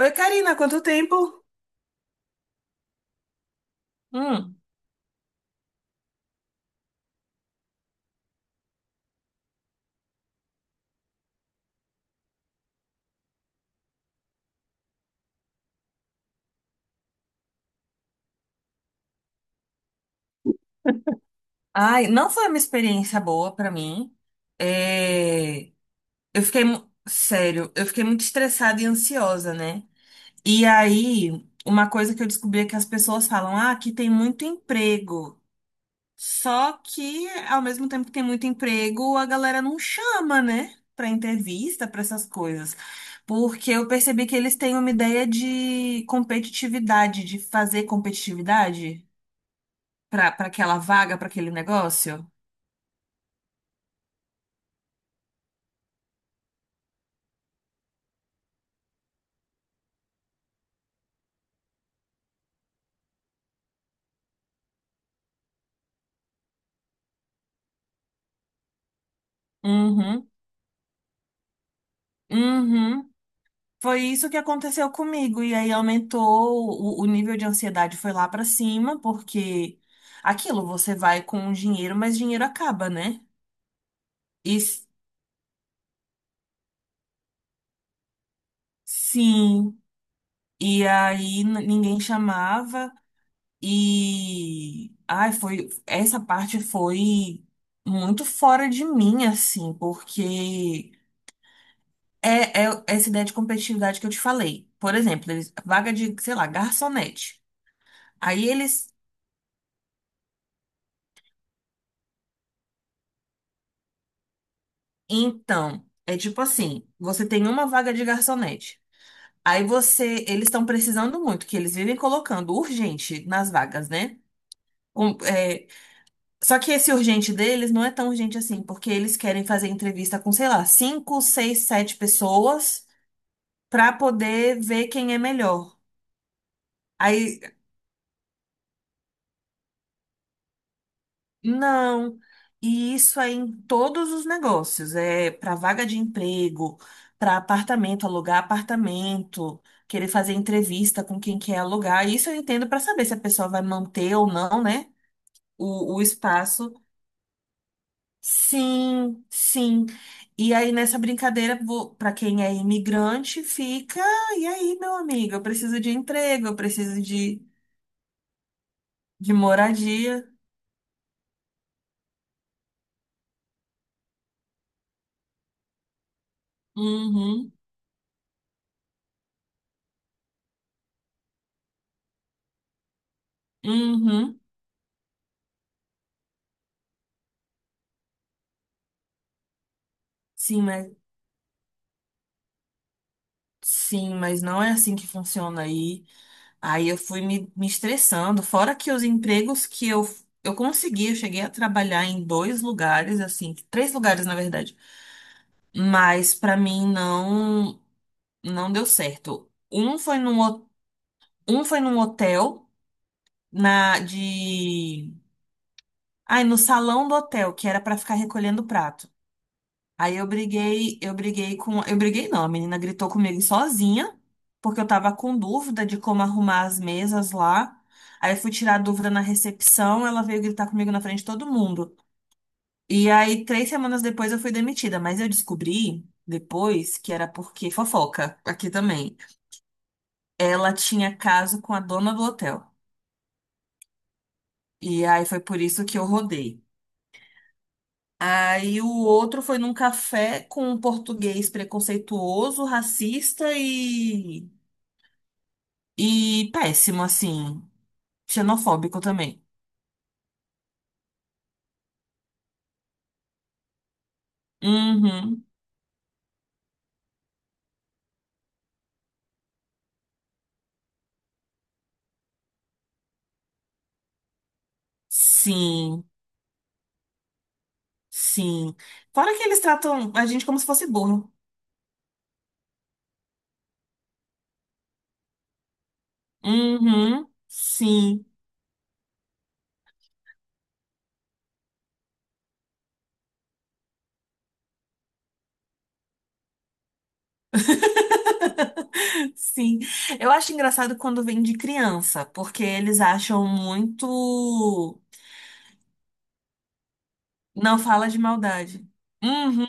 Oi, Karina, quanto tempo? Hum. Ai, não foi uma experiência boa pra mim. É, eu fiquei, sério, eu fiquei muito estressada e ansiosa, né? E aí, uma coisa que eu descobri é que as pessoas falam, ah, aqui tem muito emprego. Só que, ao mesmo tempo que tem muito emprego, a galera não chama, né? Pra entrevista, pra essas coisas. Porque eu percebi que eles têm uma ideia de competitividade, de fazer competitividade. Para aquela vaga, para aquele negócio? Uhum, uhum. Foi isso que aconteceu comigo. E aí aumentou o nível de ansiedade foi lá pra cima, porque aquilo, você vai com o dinheiro, mas dinheiro acaba, né? E s- sim. E aí ninguém chamava. E ai, foi essa parte foi muito fora de mim, assim, porque é, é essa ideia de competitividade que eu te falei. Por exemplo, eles, vaga de, sei lá, garçonete. Aí eles, então, é tipo assim, você tem uma vaga de garçonete. Aí você, eles estão precisando muito, que eles vivem colocando urgente nas vagas, né? É, só que esse urgente deles não é tão urgente assim, porque eles querem fazer entrevista com, sei lá, cinco, seis, sete pessoas para poder ver quem é melhor. Aí não, e isso é em todos os negócios, é para vaga de emprego, para apartamento, alugar apartamento, querer fazer entrevista com quem quer alugar. Isso eu entendo para saber se a pessoa vai manter ou não, né? O espaço. Sim, sim. E aí nessa brincadeira, para quem é imigrante, fica. E aí, meu amigo, eu preciso de emprego, eu preciso de moradia. Uhum, uhum. Sim, mas sim, mas não é assim que funciona aí. Aí eu fui me estressando. Fora que os empregos que eu consegui, eu cheguei a trabalhar em dois lugares, assim, três lugares na verdade. Mas pra mim não deu certo. Um foi num hotel na de ai, no salão do hotel, que era pra ficar recolhendo prato. Aí eu briguei com. Eu briguei não, a menina gritou comigo sozinha, porque eu tava com dúvida de como arrumar as mesas lá. Aí eu fui tirar a dúvida na recepção, ela veio gritar comigo na frente de todo mundo. E aí, três semanas depois, eu fui demitida, mas eu descobri depois que era porque fofoca, aqui também. Ela tinha caso com a dona do hotel. E aí foi por isso que eu rodei. Aí o outro foi num café com um português preconceituoso, racista e péssimo, assim. Xenofóbico também. Uhum. Sim, sim. Fora que eles tratam a gente como se fosse burro. Uhum. Sim. Sim. Eu acho engraçado quando vem de criança, porque eles acham muito. Não fala de maldade. Uhum.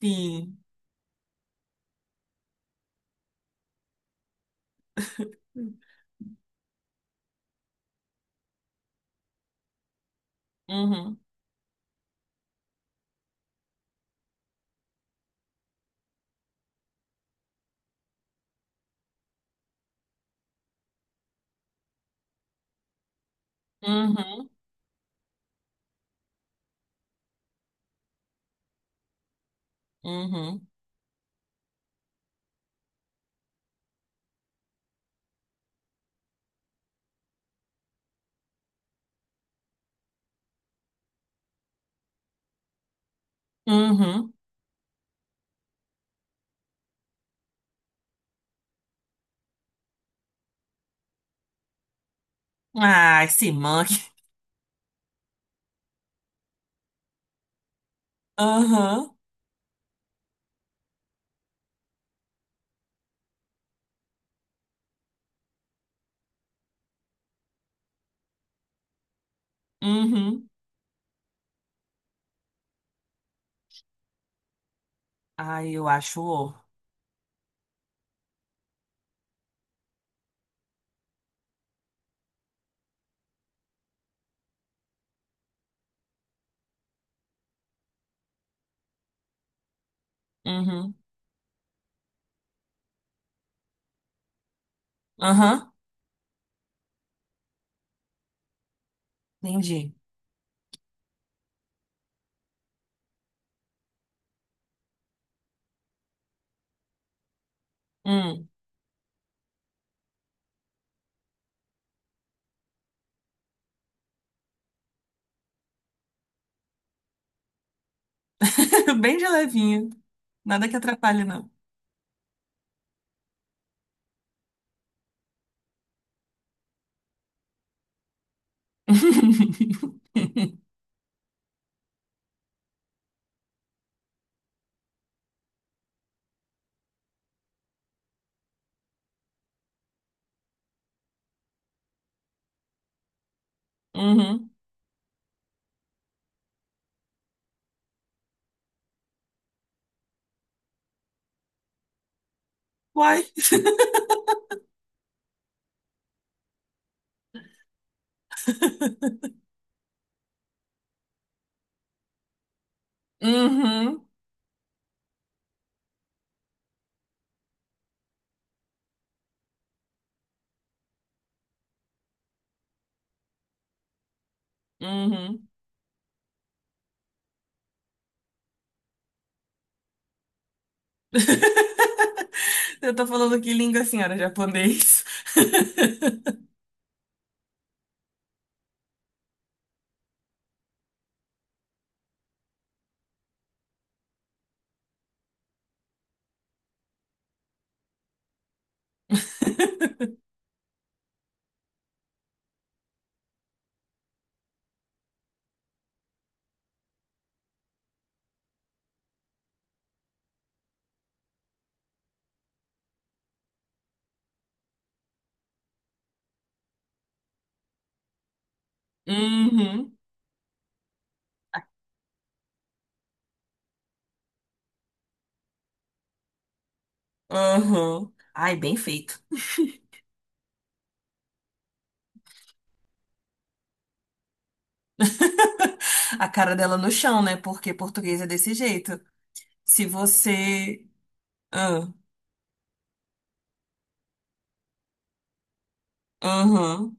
Sim. Uhum. Uhum. Uhum. Uhum. Ai, se manque. Aham. Uhum. Ai, eu acho. Uhum. Aham. Entendi. Hum. Bem de levinho. Nada que atrapalhe, não. Uhum. Uai. Uhum. Uhum. Eu tô falando que língua, senhora? Japonês. Uhum. Uhum. Ai, bem feito. A cara dela no chão, né? Porque português é desse jeito. Se você. Ah, aham.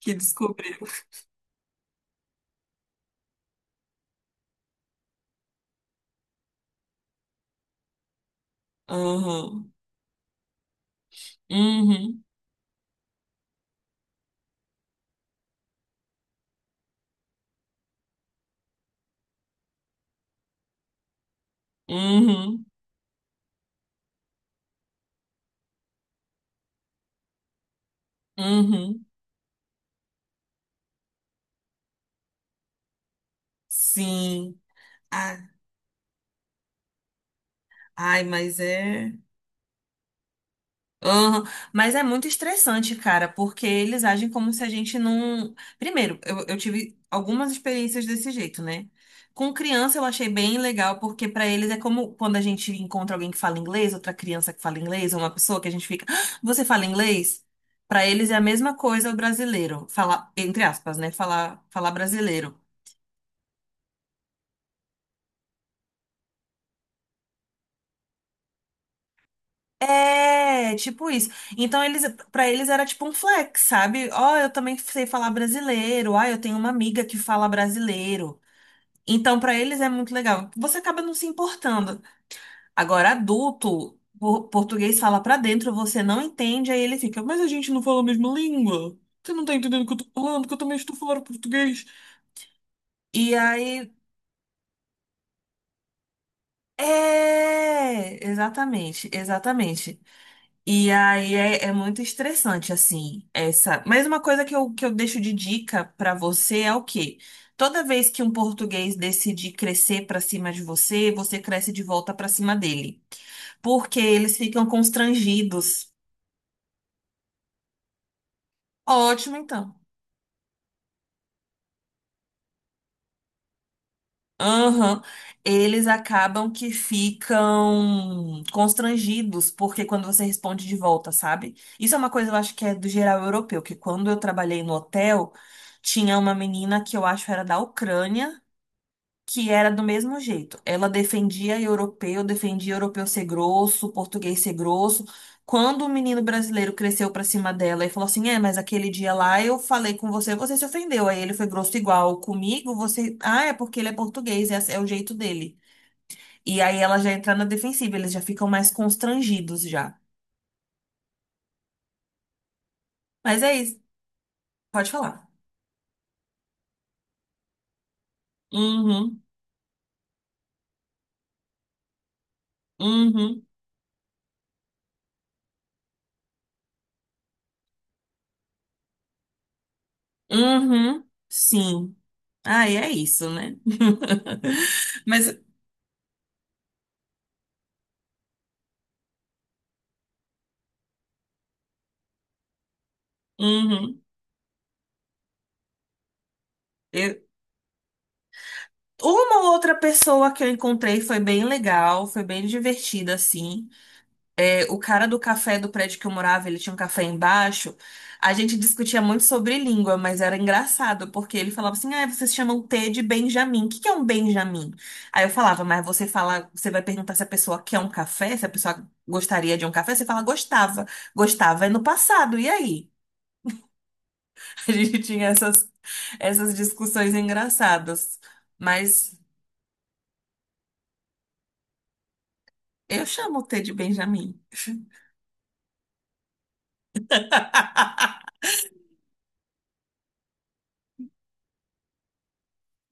Que descobriu. Uhum. Uhum. Uhum. Uhum. Sim. Ah, ai, mas é. Uhum. Mas é muito estressante, cara, porque eles agem como se a gente não. Primeiro, eu tive algumas experiências desse jeito, né? Com criança eu achei bem legal, porque pra eles é como quando a gente encontra alguém que fala inglês, outra criança que fala inglês, ou uma pessoa que a gente fica. "Ah, você fala inglês? Pra eles é a mesma coisa o brasileiro. Falar, entre aspas, né? Falar, falar brasileiro. É, tipo isso. Então eles, para eles era tipo um flex, sabe? Ó, eu também sei falar brasileiro. Ah, eu tenho uma amiga que fala brasileiro. Então pra eles é muito legal. Você acaba não se importando. Agora adulto, português fala pra dentro, você não entende, aí ele fica, mas a gente não fala a mesma língua. Você não tá entendendo o que eu tô falando, que eu também estou falando português. E aí, é, exatamente, exatamente. E aí é, é muito estressante, assim, essa. Mas uma coisa que eu deixo de dica pra você é o quê? Toda vez que um português decide crescer pra cima de você, você cresce de volta pra cima dele. Porque eles ficam constrangidos. Ótimo, então. Aham. Eles acabam que ficam constrangidos, porque quando você responde de volta, sabe? Isso é uma coisa, eu acho que é do geral europeu, que quando eu trabalhei no hotel, tinha uma menina que eu acho era da Ucrânia, que era do mesmo jeito. Ela defendia europeu ser grosso, português ser grosso. Quando o menino brasileiro cresceu pra cima dela e falou assim: é, mas aquele dia lá eu falei com você, você se ofendeu. Aí ele foi grosso igual comigo, você. Ah, é porque ele é português, é, é o jeito dele. E aí ela já entra na defensiva, eles já ficam mais constrangidos já. Mas é isso, pode falar. Uhum, uhum, uhum, sim. Aí é isso, né? Mas, uhum. Eu, uma ou outra pessoa que eu encontrei foi bem legal, foi bem divertida, assim. É, o cara do café do prédio que eu morava, ele tinha um café embaixo. A gente discutia muito sobre língua, mas era engraçado, porque ele falava assim: ah, vocês chamam T de Benjamin. O que que é um Benjamin? Aí eu falava, mas você fala, você vai perguntar se a pessoa quer um café, se a pessoa gostaria de um café, você fala, gostava. Gostava é no passado, e aí? A gente tinha essas, essas discussões engraçadas. Mas. Eu chamo o T de Benjamin.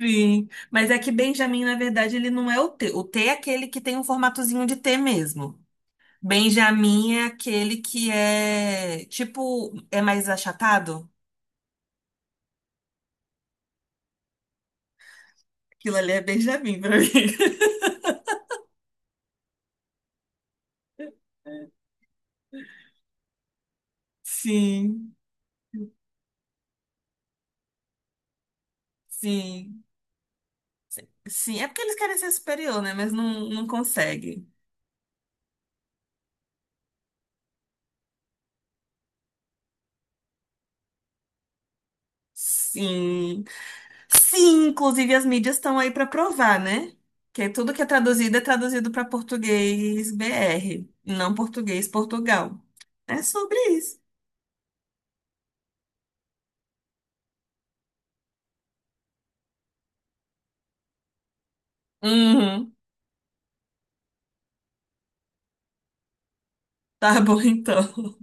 Sim, mas é que Benjamin, na verdade, ele não é o T. O T é aquele que tem um formatozinho de T mesmo. Benjamin é aquele que é, tipo, é mais achatado. Aquilo ali é Benjamin pra mim. Sim, sim, sim. É porque eles querem ser superior, né? Mas não, não conseguem. Sim. Sim, inclusive as mídias estão aí para provar, né? Que é tudo que é traduzido para português BR, não português Portugal. É sobre isso. Uhum. Tá bom então.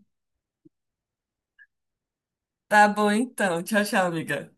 Tá bom então. Tchau, tchau, amiga.